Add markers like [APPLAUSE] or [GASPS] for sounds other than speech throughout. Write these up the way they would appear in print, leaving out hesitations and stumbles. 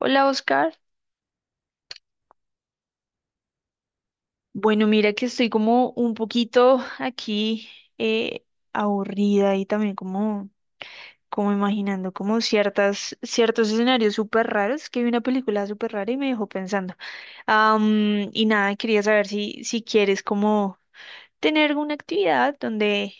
Hola, Oscar. Bueno, mira que estoy como un poquito aquí eh, aburrida y también como imaginando como ciertos escenarios súper raros, que vi una película súper rara y me dejó pensando. Y nada, quería saber si quieres como tener una actividad donde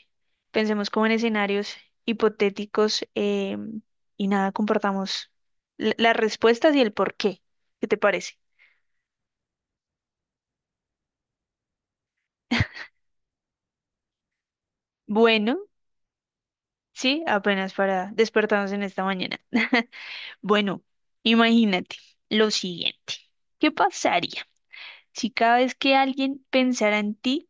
pensemos como en escenarios hipotéticos y nada, compartamos las respuestas y el por qué. ¿Qué te parece? [LAUGHS] Bueno. Sí, apenas para despertarnos en esta mañana. [LAUGHS] Bueno, imagínate lo siguiente. ¿Qué pasaría si cada vez que alguien pensara en ti,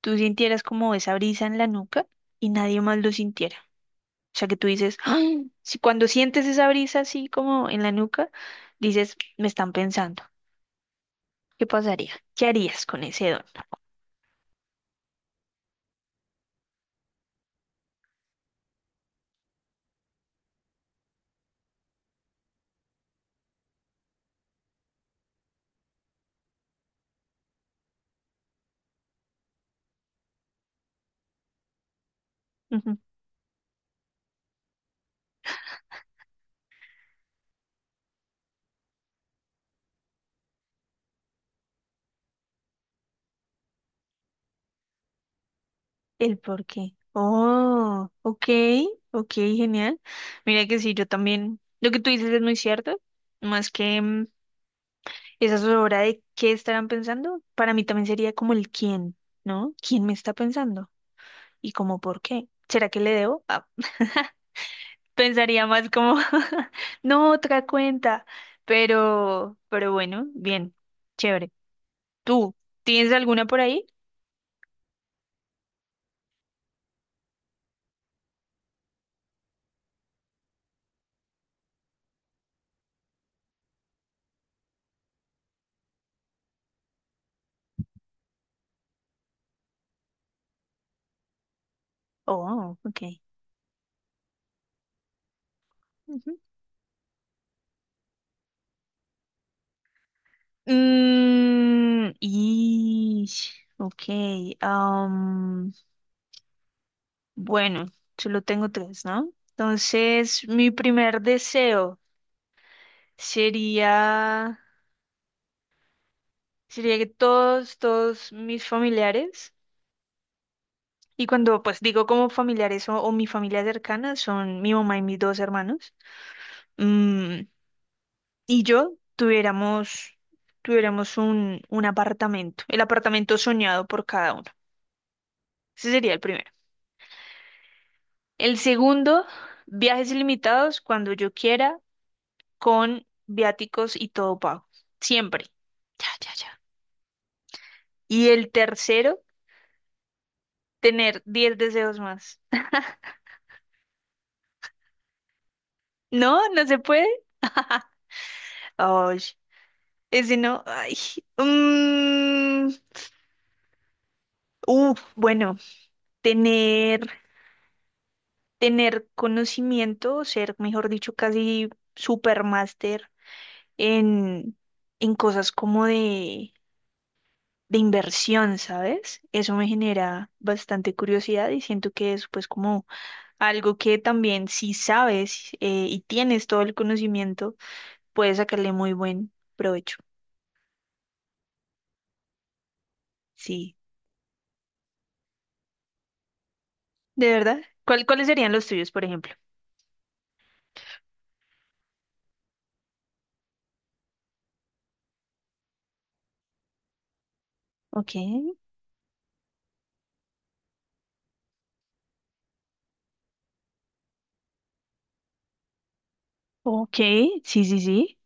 tú sintieras como esa brisa en la nuca y nadie más lo sintiera? O sea, que tú dices, "Ay", si cuando sientes esa brisa así como en la nuca, dices, me están pensando. ¿Qué pasaría? ¿Qué harías con ese don? [LAUGHS] El por qué. Oh, ok, ok, genial. Mira que sí, yo también, lo que tú dices es muy cierto, más que esa zozobra de qué estarán pensando, para mí también sería como el quién, ¿no? ¿Quién me está pensando? Y como por qué. ¿Será que le debo? Ah, [LAUGHS] pensaría más como, [LAUGHS] no, otra cuenta. Pero bueno, bien, chévere. ¿Tú tienes alguna por ahí? Oh, ok. Y, ok, am, bueno, solo tengo tres, ¿no? Entonces, mi primer deseo sería, sería que todos mis familiares, y cuando pues digo como familiares o mi familia cercana, son mi mamá y mis dos hermanos, mm, y yo tuviéramos un apartamento, el apartamento soñado por cada uno. Ese sería el primero. El segundo, viajes ilimitados cuando yo quiera, con viáticos y todo pago. Siempre. Ya, ya, ya. Y el tercero, tener 10 deseos más. No, no se puede. Ay, ese no. Ay. mm, Uf, bueno, tener, tener conocimiento, ser, mejor dicho, casi supermaster en, en cosas como de inversión, ¿sabes? Eso me genera bastante curiosidad y siento que es pues como algo que también si sabes y tienes todo el conocimiento, puedes sacarle muy buen provecho. Sí, de verdad. ¿Cuáles serían los tuyos, por ejemplo? Ok, ok, sí, sí, sí.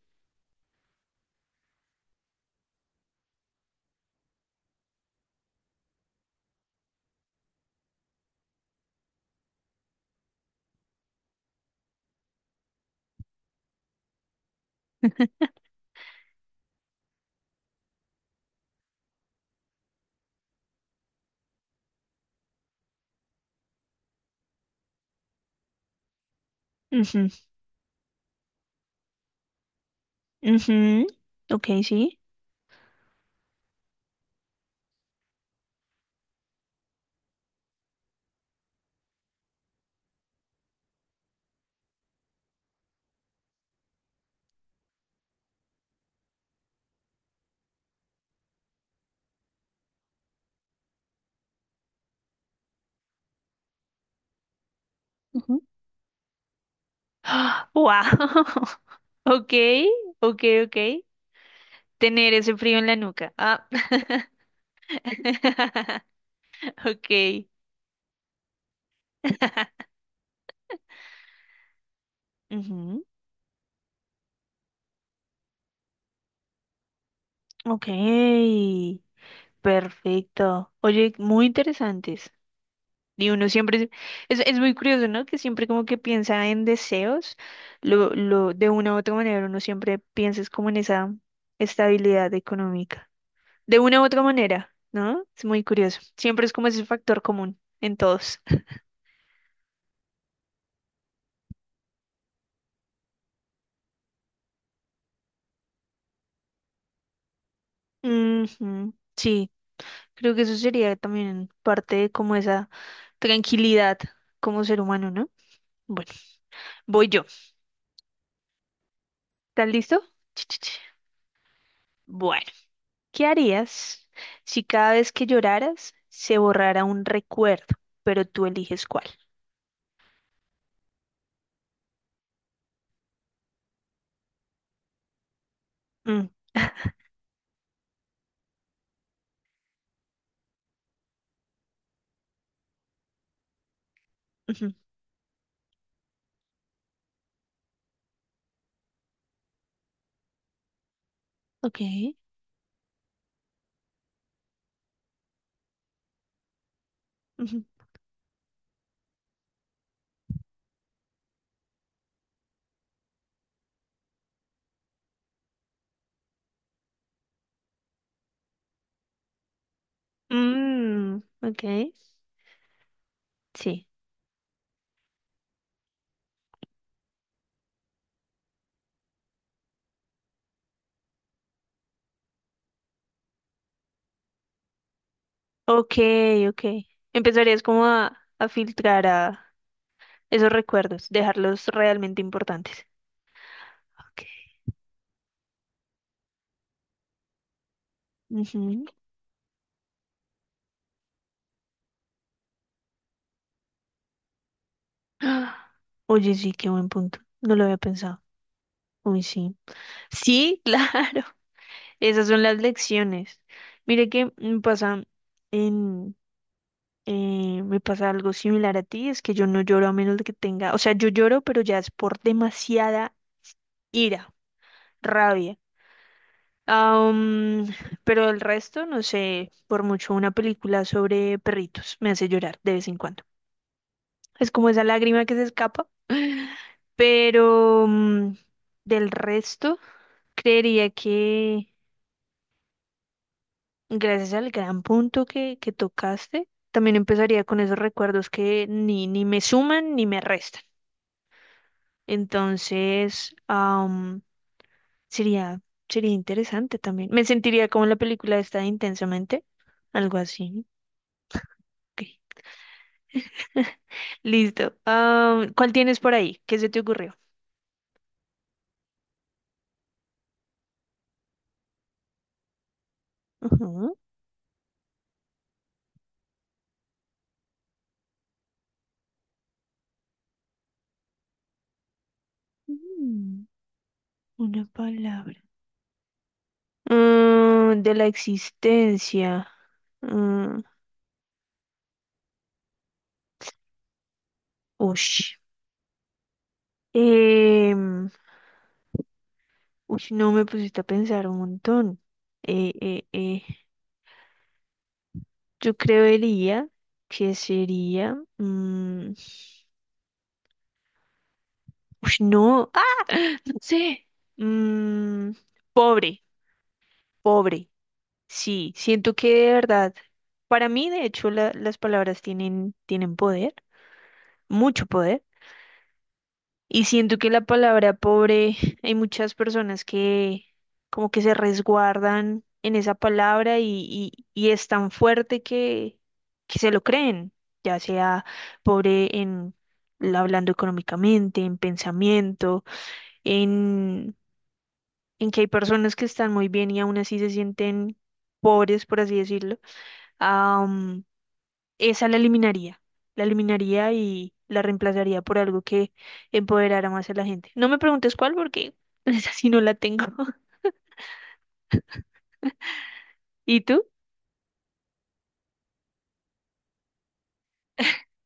Ujú, ujú, ok, sí. Ujú. [GASPS] ¡Wow! [LAUGHS] Ok, ok, ok. Tener ese frío en la nuca. Ah. [LAUGHS] Ok. [LAUGHS] Ujú, ok, perfecto. Oye, muy interesantes. Y uno siempre, es muy curioso, ¿no? Que siempre como que piensa en deseos, lo, de una u otra manera, uno siempre piensa es como en esa estabilidad económica. De una u otra manera, ¿no? Es muy curioso. Siempre es como ese factor común en todos. Ujú, sí, creo que eso sería también parte de como esa tranquilidad como ser humano, ¿no? Bueno, voy yo. ¿Estás listo? Ch, ch, ch. Bueno, ¿qué harías si cada vez que lloraras se borrara un recuerdo, pero tú eliges cuál? Mm. [LAUGHS] Ujú, ok. Ujú, mm, ok. Sí. Ok, ok. Empezarías como a filtrar a esos recuerdos, dejarlos realmente importantes. Ok. Ujú. [GASPS] Ah, oye, sí, qué buen punto. No lo había pensado. Uy, sí. Sí, [LAUGHS] claro. Esas son las lecciones. Mire que me pasa en, me pasa algo similar a ti, es que yo no lloro a menos de que tenga, o sea, yo lloro, pero ya es por demasiada ira, rabia. Am, pero el resto, no sé, por mucho una película sobre perritos me hace llorar de vez en cuando. Es como esa lágrima que se escapa. [LAUGHS] Pero del resto, creería que gracias al gran punto que tocaste, también empezaría con esos recuerdos que ni me suman ni me restan. Entonces, sería, sería interesante también. Me sentiría como en la película esta de Intensamente, algo así. Ok, listo. ¿Cuál tienes por ahí? ¿Qué se te ocurrió? Ujú. Mm, Una palabra. De la existencia. Mm, Ush. Em, Uy, no me pusiste a pensar un montón. Eh, eh, eh, Yo creería que sería. Uy, no. ¡Ah! No sé. Mm, Pobre, pobre. Sí, siento que de verdad. Para mí, de hecho, las palabras tienen poder, mucho poder. Y siento que la palabra pobre, hay muchas personas que como que se resguardan en esa palabra y es tan fuerte que se lo creen, ya sea pobre en hablando económicamente, en pensamiento, en, en que hay personas que están muy bien y aún así se sienten pobres, por así decirlo. Esa la eliminaría. La eliminaría y la reemplazaría por algo que empoderara más a la gente. No me preguntes cuál porque [LAUGHS] esa sí no la tengo. [LAUGHS] ¿Y tú?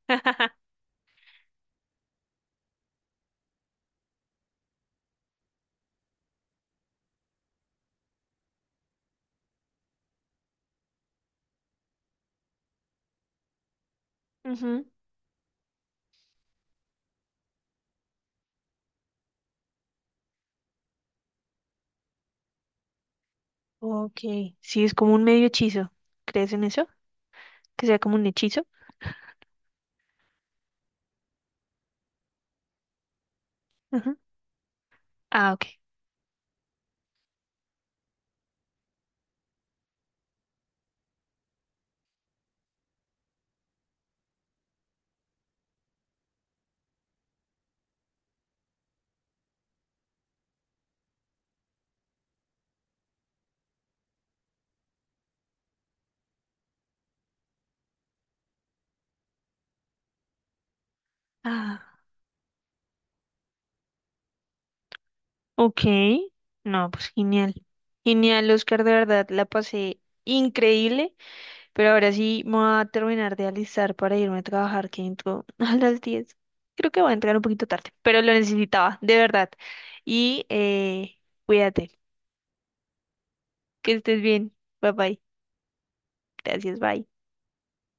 [LAUGHS] Ujú. Ok. Sí, es como un medio hechizo. ¿Crees en eso? Que sea como un hechizo. Ujú. Ah, ok. Ah, ok. No, pues genial. Genial, Oscar, de verdad, la pasé increíble. Pero ahora sí me voy a terminar de alistar para irme a trabajar, que entro [LAUGHS] a las 10. Creo que voy a entrar un poquito tarde, pero lo necesitaba, de verdad. Y cuídate, que estés bien. Bye bye. Gracias, bye.